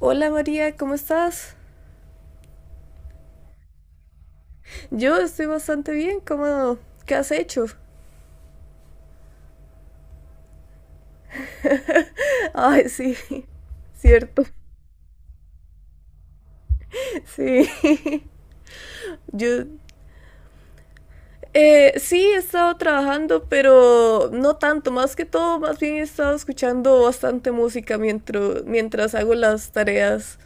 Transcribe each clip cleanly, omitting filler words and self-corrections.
Hola María, ¿cómo estás? Yo estoy bastante bien, ¿cómo? ¿Qué has hecho? Ay, sí, cierto, sí. Yo, sí, he estado trabajando, pero no tanto, más que todo, más bien he estado escuchando bastante música mientras hago las tareas.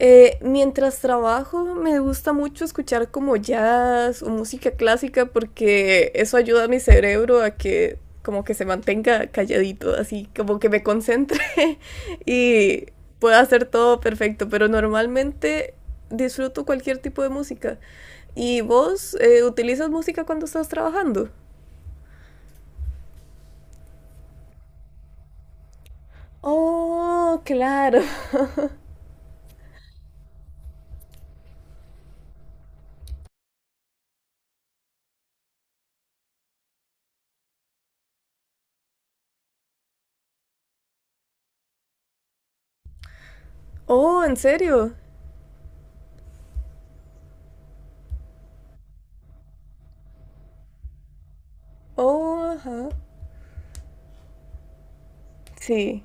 Mientras trabajo me gusta mucho escuchar como jazz o música clásica porque eso ayuda a mi cerebro a que como que se mantenga calladito, así como que me concentre y pueda hacer todo perfecto, pero normalmente disfruto cualquier tipo de música. ¿Y vos utilizas música cuando estás trabajando? Oh, claro. Oh, ¿en serio? Oh, ajá. Sí.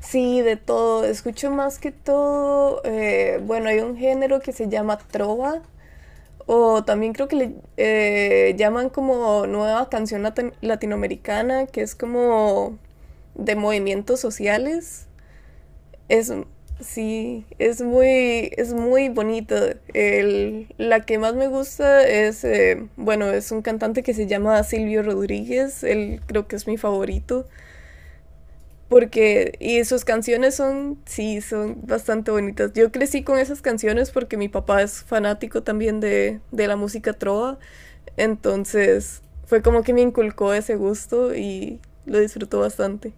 Sí, de todo. Escucho más que todo. Bueno, hay un género que se llama trova, o también creo que le llaman como nueva canción latinoamericana, que es como de movimientos sociales. Es, sí, es muy bonita. La que más me gusta es, bueno, es un cantante que se llama Silvio Rodríguez. Él creo que es mi favorito. Porque, y sus canciones son, sí, son bastante bonitas. Yo crecí con esas canciones porque mi papá es fanático también de la música trova. Entonces, fue como que me inculcó ese gusto y lo disfrutó bastante.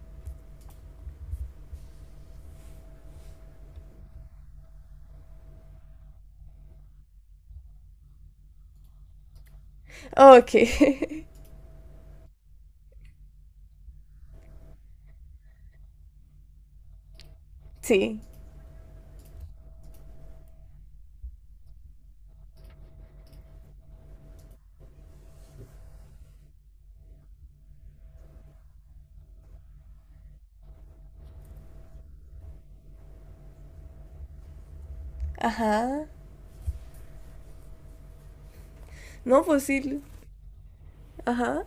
Ah, ok, sí. Ajá. No, pues sí. Ajá.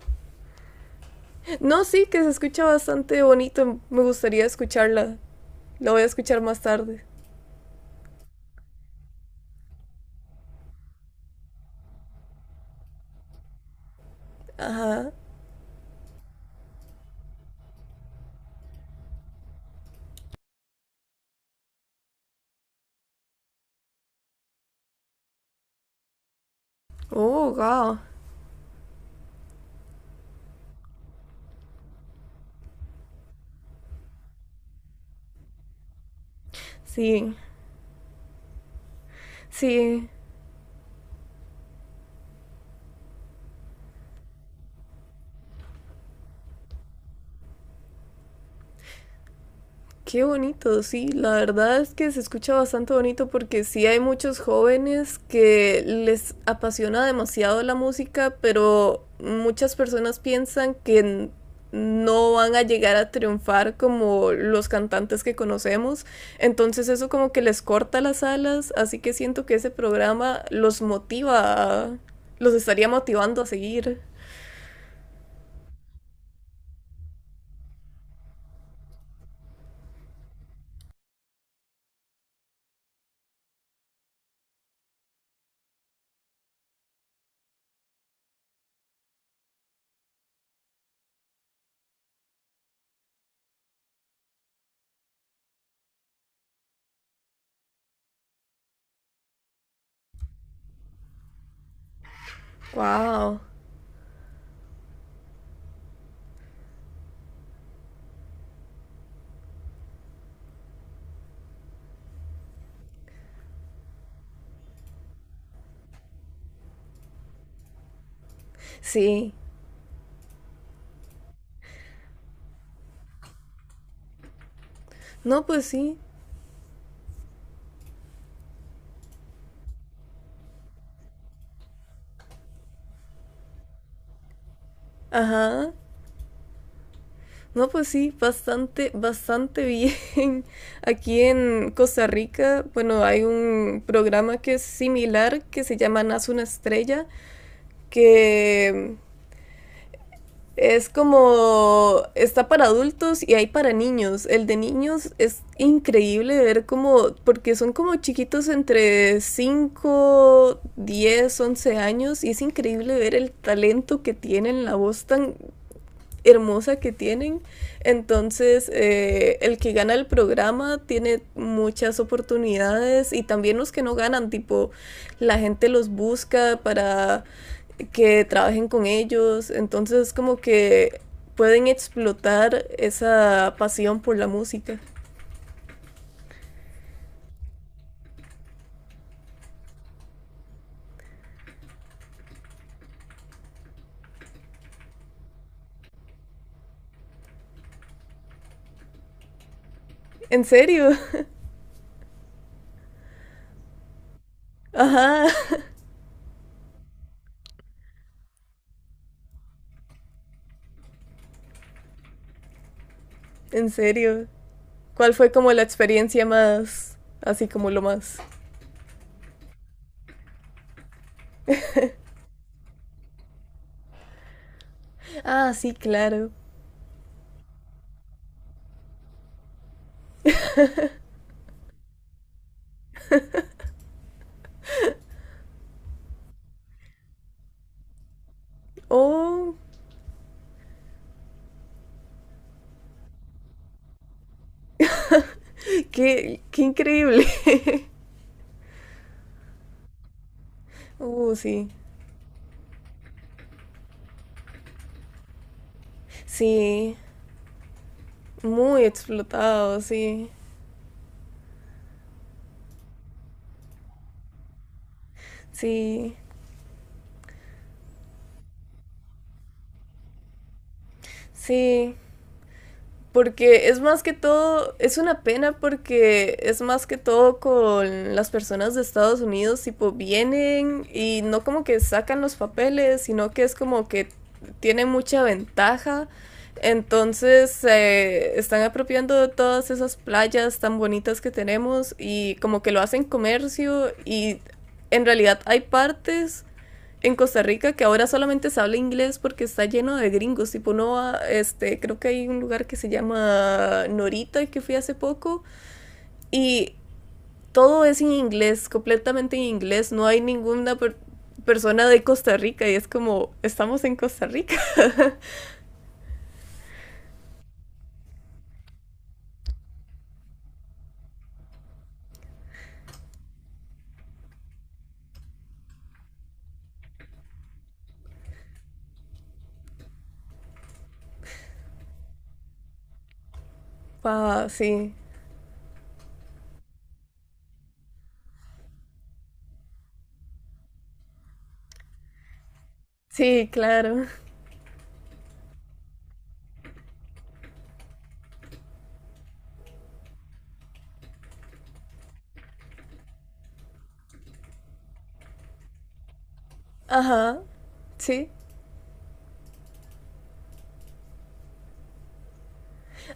No, sí, que se escucha bastante bonito. Me gustaría escucharla. La voy a escuchar más tarde. Ajá. Oh, wow. Sí. Sí. Qué bonito, sí, la verdad es que se escucha bastante bonito porque sí hay muchos jóvenes que les apasiona demasiado la música, pero muchas personas piensan que no van a llegar a triunfar como los cantantes que conocemos, entonces eso como que les corta las alas, así que siento que ese programa los motiva, los estaría motivando a seguir. Wow, sí. No, pues sí. Ajá. No, pues sí, bastante, bastante bien. Aquí en Costa Rica, bueno, hay un programa que es similar, que se llama Nace una Estrella, que es como está para adultos y hay para niños. El de niños es increíble ver cómo, porque son como chiquitos entre 5 10 11 años y es increíble ver el talento que tienen, la voz tan hermosa que tienen. Entonces, el que gana el programa tiene muchas oportunidades y también los que no ganan, tipo, la gente los busca para que trabajen con ellos. Entonces, como que pueden explotar esa pasión por la música. ¿En serio? Ajá, ¿en serio? ¿Cuál fue como la experiencia más, así como lo más? Ah, sí, claro. Oh, qué, qué increíble. Sí, sí, muy explotado, sí, sí, sí, porque es más que todo, es una pena porque es más que todo con las personas de Estados Unidos, tipo, vienen y no como que sacan los papeles, sino que es como que tienen mucha ventaja, entonces se están apropiando de todas esas playas tan bonitas que tenemos y como que lo hacen comercio y en realidad hay partes en Costa Rica que ahora solamente se habla inglés porque está lleno de gringos. Tipo, no va, este, creo que hay un lugar que se llama Norita que fui hace poco y todo es en inglés, completamente en inglés. No hay ninguna persona de Costa Rica y es como, estamos en Costa Rica. Wow, sí. Sí, claro. Ajá. Sí.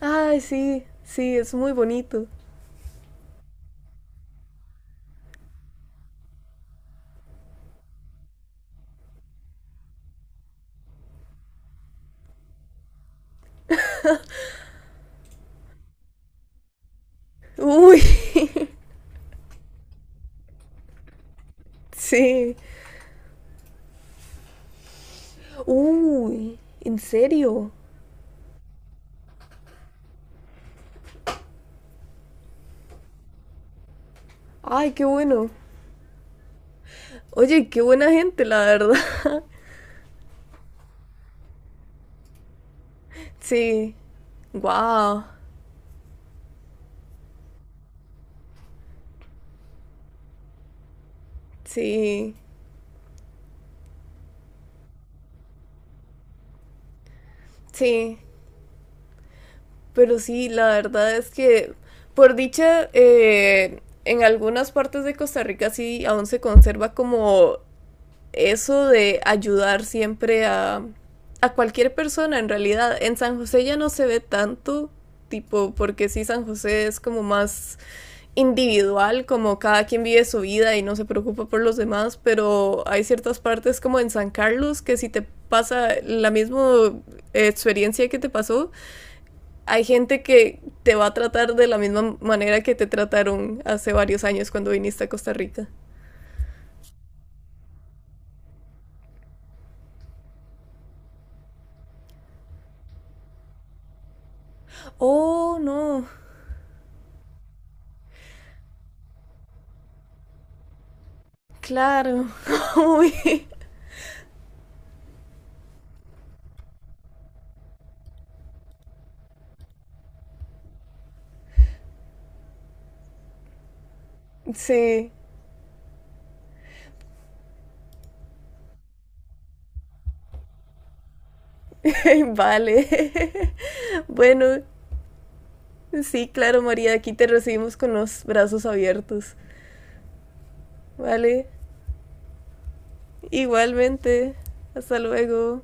Ay, sí. Sí, es muy bonito. Uy. Sí. Uy. ¿En serio? Ay, qué bueno. Oye, qué buena gente, la verdad. Sí. Wow. Sí. Sí. Pero sí, la verdad es que, por dicha, en algunas partes de Costa Rica sí aún se conserva como eso de ayudar siempre a cualquier persona, en realidad. En San José ya no se ve tanto, tipo, porque sí, San José es como más individual, como cada quien vive su vida y no se preocupa por los demás, pero hay ciertas partes como en San Carlos que si te pasa la misma experiencia que te pasó, hay gente que te va a tratar de la misma manera que te trataron hace varios años cuando viniste a Costa Rica. Oh, no, claro. Uy, sí, vale. Bueno, sí, claro, María, aquí te recibimos con los brazos abiertos. Vale. Igualmente, hasta luego.